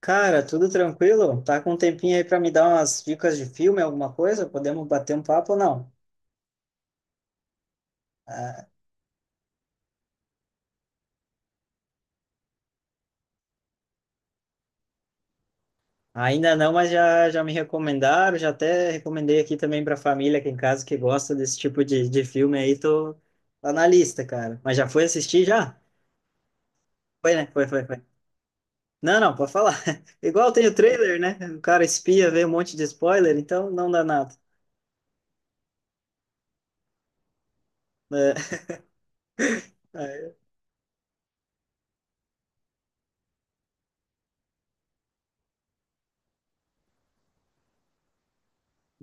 Cara, tudo tranquilo? Tá com um tempinho aí pra me dar umas dicas de filme, alguma coisa? Podemos bater um papo ou não? Ainda não, mas já me recomendaram, já até recomendei aqui também pra família aqui em casa que gosta desse tipo de filme aí, tô tá na lista, cara. Mas já foi assistir já? Foi, né? Foi, foi, foi. Não, não, pode falar. Igual tem o trailer, né? O cara espia, vê um monte de spoiler, então não dá nada. É. É.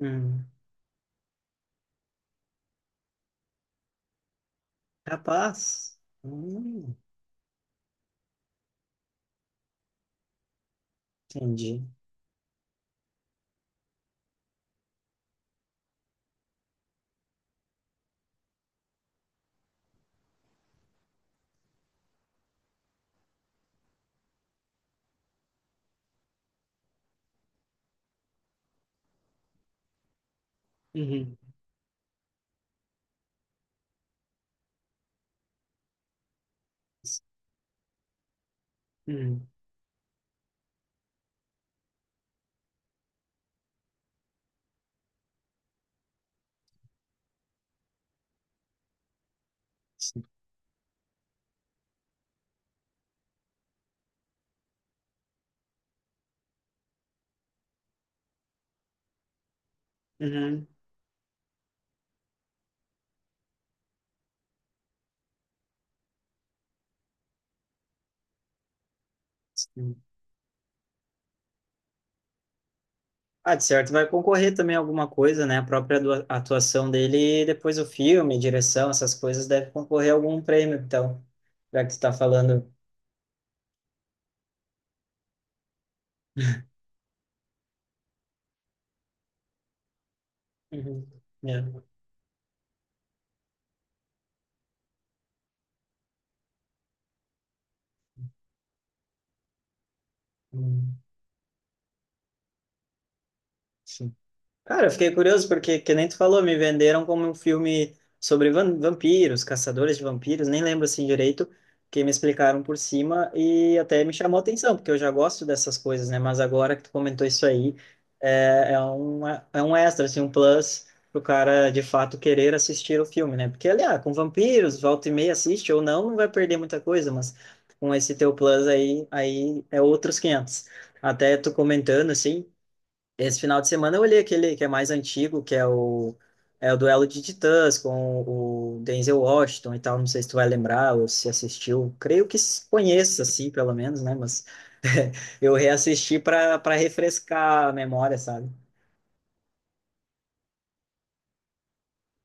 Hum, capaz. Hum, entendi. Uhum. Uhum. Uhum. Sim. Ah, de certo, vai concorrer também alguma coisa, né? A própria atuação dele, e depois o filme, direção, essas coisas deve concorrer a algum prêmio, então, já que tu tá falando. Uhum. É. Hum. Sim. Cara, eu fiquei curioso porque, que nem tu falou, me venderam como um filme sobre vampiros, caçadores de vampiros, nem lembro assim direito, que me explicaram por cima e até me chamou a atenção, porque eu já gosto dessas coisas, né? Mas agora que tu comentou isso aí, é um extra, assim, um plus pro cara de fato querer assistir o filme, né? Porque, aliás, com vampiros, volta e meia assiste ou não, não vai perder muita coisa, mas com esse teu plus aí, aí é outros 500. Até tu comentando, assim. Esse final de semana eu olhei aquele que é mais antigo, que é o, é o duelo de titãs com o Denzel Washington e tal. Não sei se tu vai lembrar ou se assistiu. Creio que se conheça, assim, pelo menos, né? Mas eu reassisti para refrescar a memória, sabe?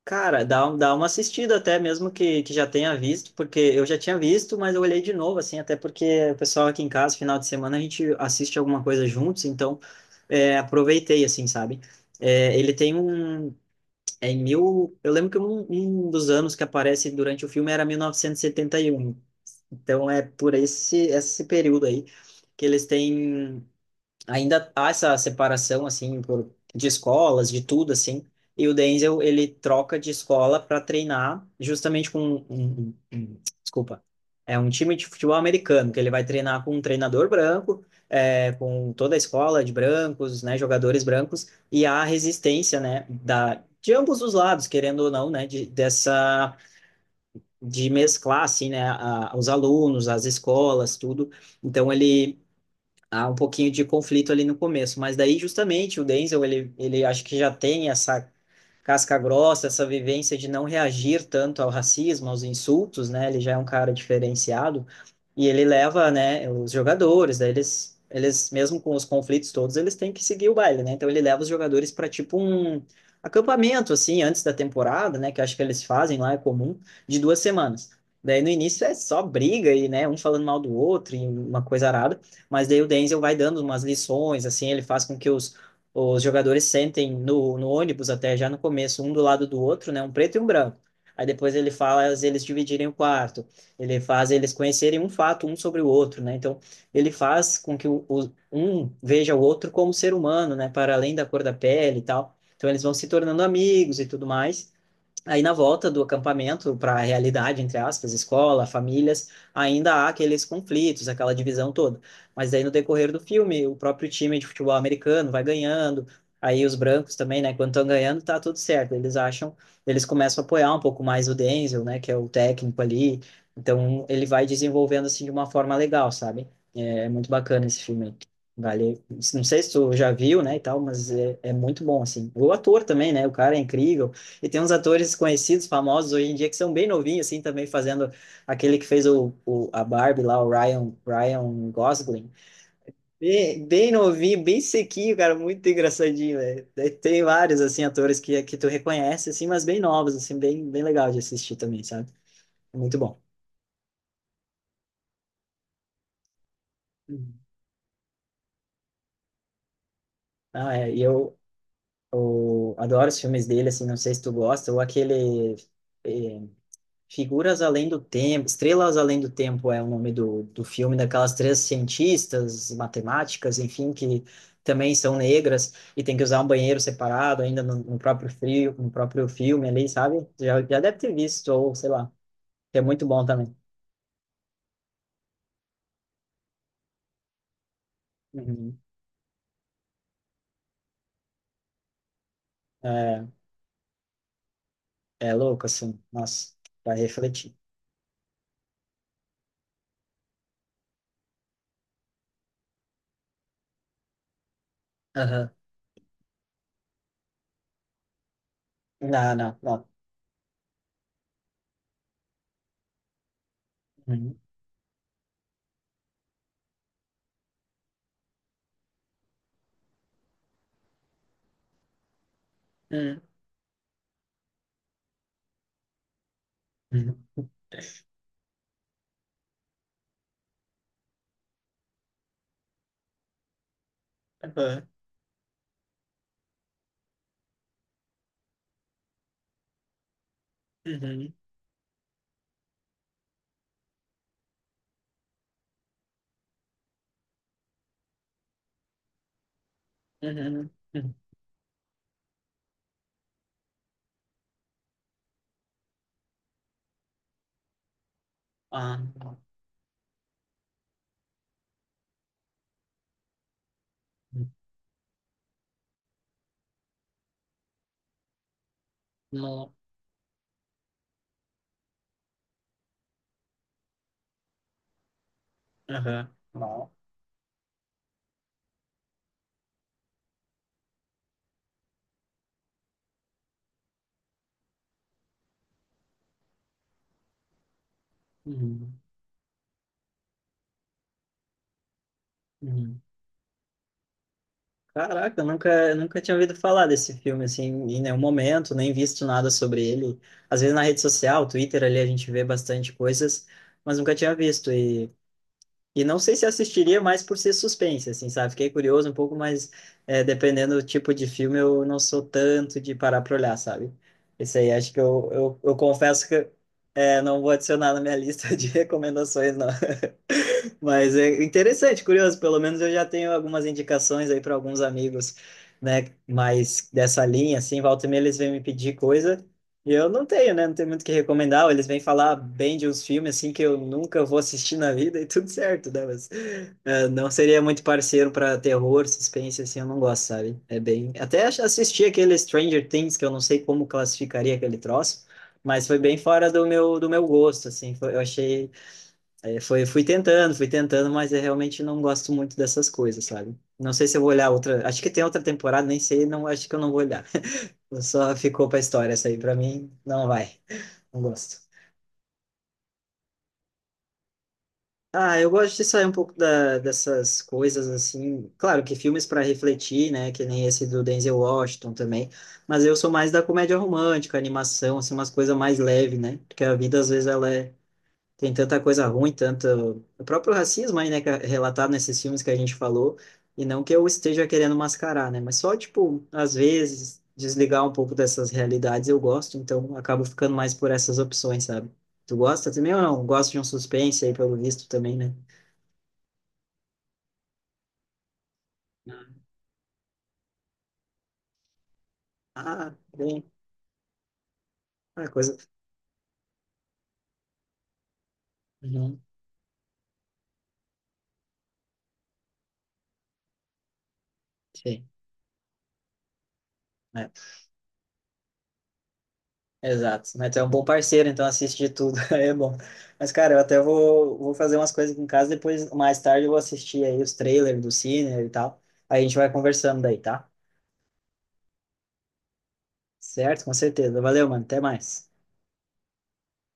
Cara, dá uma assistida até mesmo que já tenha visto, porque eu já tinha visto, mas eu olhei de novo, assim, até porque o pessoal aqui em casa, final de semana, a gente assiste alguma coisa juntos, então é, aproveitei, assim, sabe? É, ele tem um, É em mil. Eu lembro que um dos anos que aparece durante o filme era 1971. Então é por esse período aí que eles têm ainda há essa separação assim por de escolas, de tudo assim. E o Denzel, ele troca de escola para treinar justamente com desculpa, é um time de futebol americano que ele vai treinar com um treinador branco, é, com toda a escola de brancos, né, jogadores brancos e há a resistência, né, da de ambos os lados, querendo ou não, né, dessa de mesclar assim, né, a, os alunos, as escolas, tudo. Então ele há um pouquinho de conflito ali no começo, mas daí justamente o Denzel, ele acho que já tem essa casca grossa, essa vivência de não reagir tanto ao racismo, aos insultos, né? Ele já é um cara diferenciado e ele leva, né, os jogadores, daí eles mesmo com os conflitos todos, eles têm que seguir o baile, né? Então ele leva os jogadores para tipo um acampamento assim antes da temporada, né, que acho que eles fazem lá é comum, de duas semanas. Daí no início é só briga e, né, um falando mal do outro e uma coisa arada, mas daí o Denzel vai dando umas lições, assim, ele faz com que os jogadores sentem no ônibus até já no começo, um do lado do outro, né, um preto e um branco. Aí depois ele faz eles dividirem o quarto, ele faz eles conhecerem um fato um sobre o outro, né? Então ele faz com que um veja o outro como ser humano, né? Para além da cor da pele e tal. Então eles vão se tornando amigos e tudo mais. Aí, na volta do acampamento para a realidade, entre aspas, escola, famílias, ainda há aqueles conflitos, aquela divisão toda. Mas aí, no decorrer do filme, o próprio time de futebol americano vai ganhando, aí os brancos também, né? Quando estão ganhando, tá tudo certo. Eles acham, eles começam a apoiar um pouco mais o Denzel, né? Que é o técnico ali. Então, ele vai desenvolvendo, assim, de uma forma legal, sabe? É muito bacana esse filme aí. Vale. Não sei se tu já viu, né, e tal, mas é muito bom, assim. O ator também, né? O cara é incrível. E tem uns atores conhecidos, famosos hoje em dia, que são bem novinhos, assim, também fazendo aquele que fez a Barbie lá, o Ryan Gosling. Bem, bem novinho, bem sequinho, cara, muito engraçadinho, velho. Daí tem vários, assim, atores que tu reconhece, assim, mas bem novos, assim, bem, bem legal de assistir também, sabe? É muito bom. Uhum. Ah, é, e eu, eu adoro os filmes dele, assim, não sei se tu gosta, ou aquele... eh, Figuras Além do Tempo, Estrelas Além do Tempo é o nome do filme daquelas três cientistas, matemáticas, enfim, que também são negras e tem que usar um banheiro separado ainda no próprio frio, no próprio filme ali, sabe? Já deve ter visto, ou sei lá, que é muito bom também. Uhum. É, é louco, assim, nossa, vai refletir. Aham. Não, não, não. Uhum. Uhum. Uhum. Aham. Uhum. Uhum. Uhum. Ah, não. Não. Aham. Não. Uhum, uhum. Caraca, eu nunca, nunca tinha ouvido falar desse filme, assim, em nenhum momento, nem visto nada sobre ele. Às vezes na rede social, Twitter, ali a gente vê bastante coisas, mas nunca tinha visto. E não sei se assistiria mais por ser suspense, assim, sabe? Fiquei curioso um pouco, mas é, dependendo do tipo de filme, eu não sou tanto de parar pra olhar, sabe? Esse aí, acho eu confesso que é, não vou adicionar na minha lista de recomendações, não. Mas é interessante, curioso. Pelo menos eu já tenho algumas indicações aí para alguns amigos, né? Mas dessa linha, assim, volta e meia eles vêm me pedir coisa e eu não tenho, né? Não tenho muito o que recomendar. Ou eles vêm falar bem de uns filmes, assim, que eu nunca vou assistir na vida e tudo certo, né? Mas não seria muito parceiro para terror, suspense, assim, eu não gosto, sabe? É bem. Assisti aquele Stranger Things, que eu não sei como classificaria aquele troço. Mas foi bem fora do meu gosto, assim. Foi- eu achei Aí foi, fui tentando, mas eu realmente não gosto muito dessas coisas, sabe? Não sei se eu vou olhar outra. Acho que tem outra temporada, nem sei, não, acho que eu não vou olhar. Só ficou pra história essa aí, pra mim, não vai. Não gosto. Ah, eu gosto de sair um pouco dessas coisas assim. Claro que filmes para refletir, né? Que nem esse do Denzel Washington também. Mas eu sou mais da comédia romântica, animação, assim, umas coisas mais leves, né? Porque a vida às vezes ela é, tem tanta coisa ruim, tanto o próprio racismo aí, né, que é relatado nesses filmes que a gente falou, e não que eu esteja querendo mascarar, né, mas só, tipo, às vezes, desligar um pouco dessas realidades eu gosto, então acabo ficando mais por essas opções, sabe? Tu gosta também ou não? Gosto de um suspense aí, pelo visto, também, né? Ah, bem, ah, coisa... Uhum, sei. Né? Exato, né? Tu é um bom parceiro, então assiste de tudo, aí é bom. Mas, cara, eu até vou fazer umas coisas aqui em casa, depois, mais tarde, eu vou assistir aí os trailers do Cine e tal. Aí a gente vai conversando daí, tá? Certo? Com certeza. Valeu, mano. Até mais.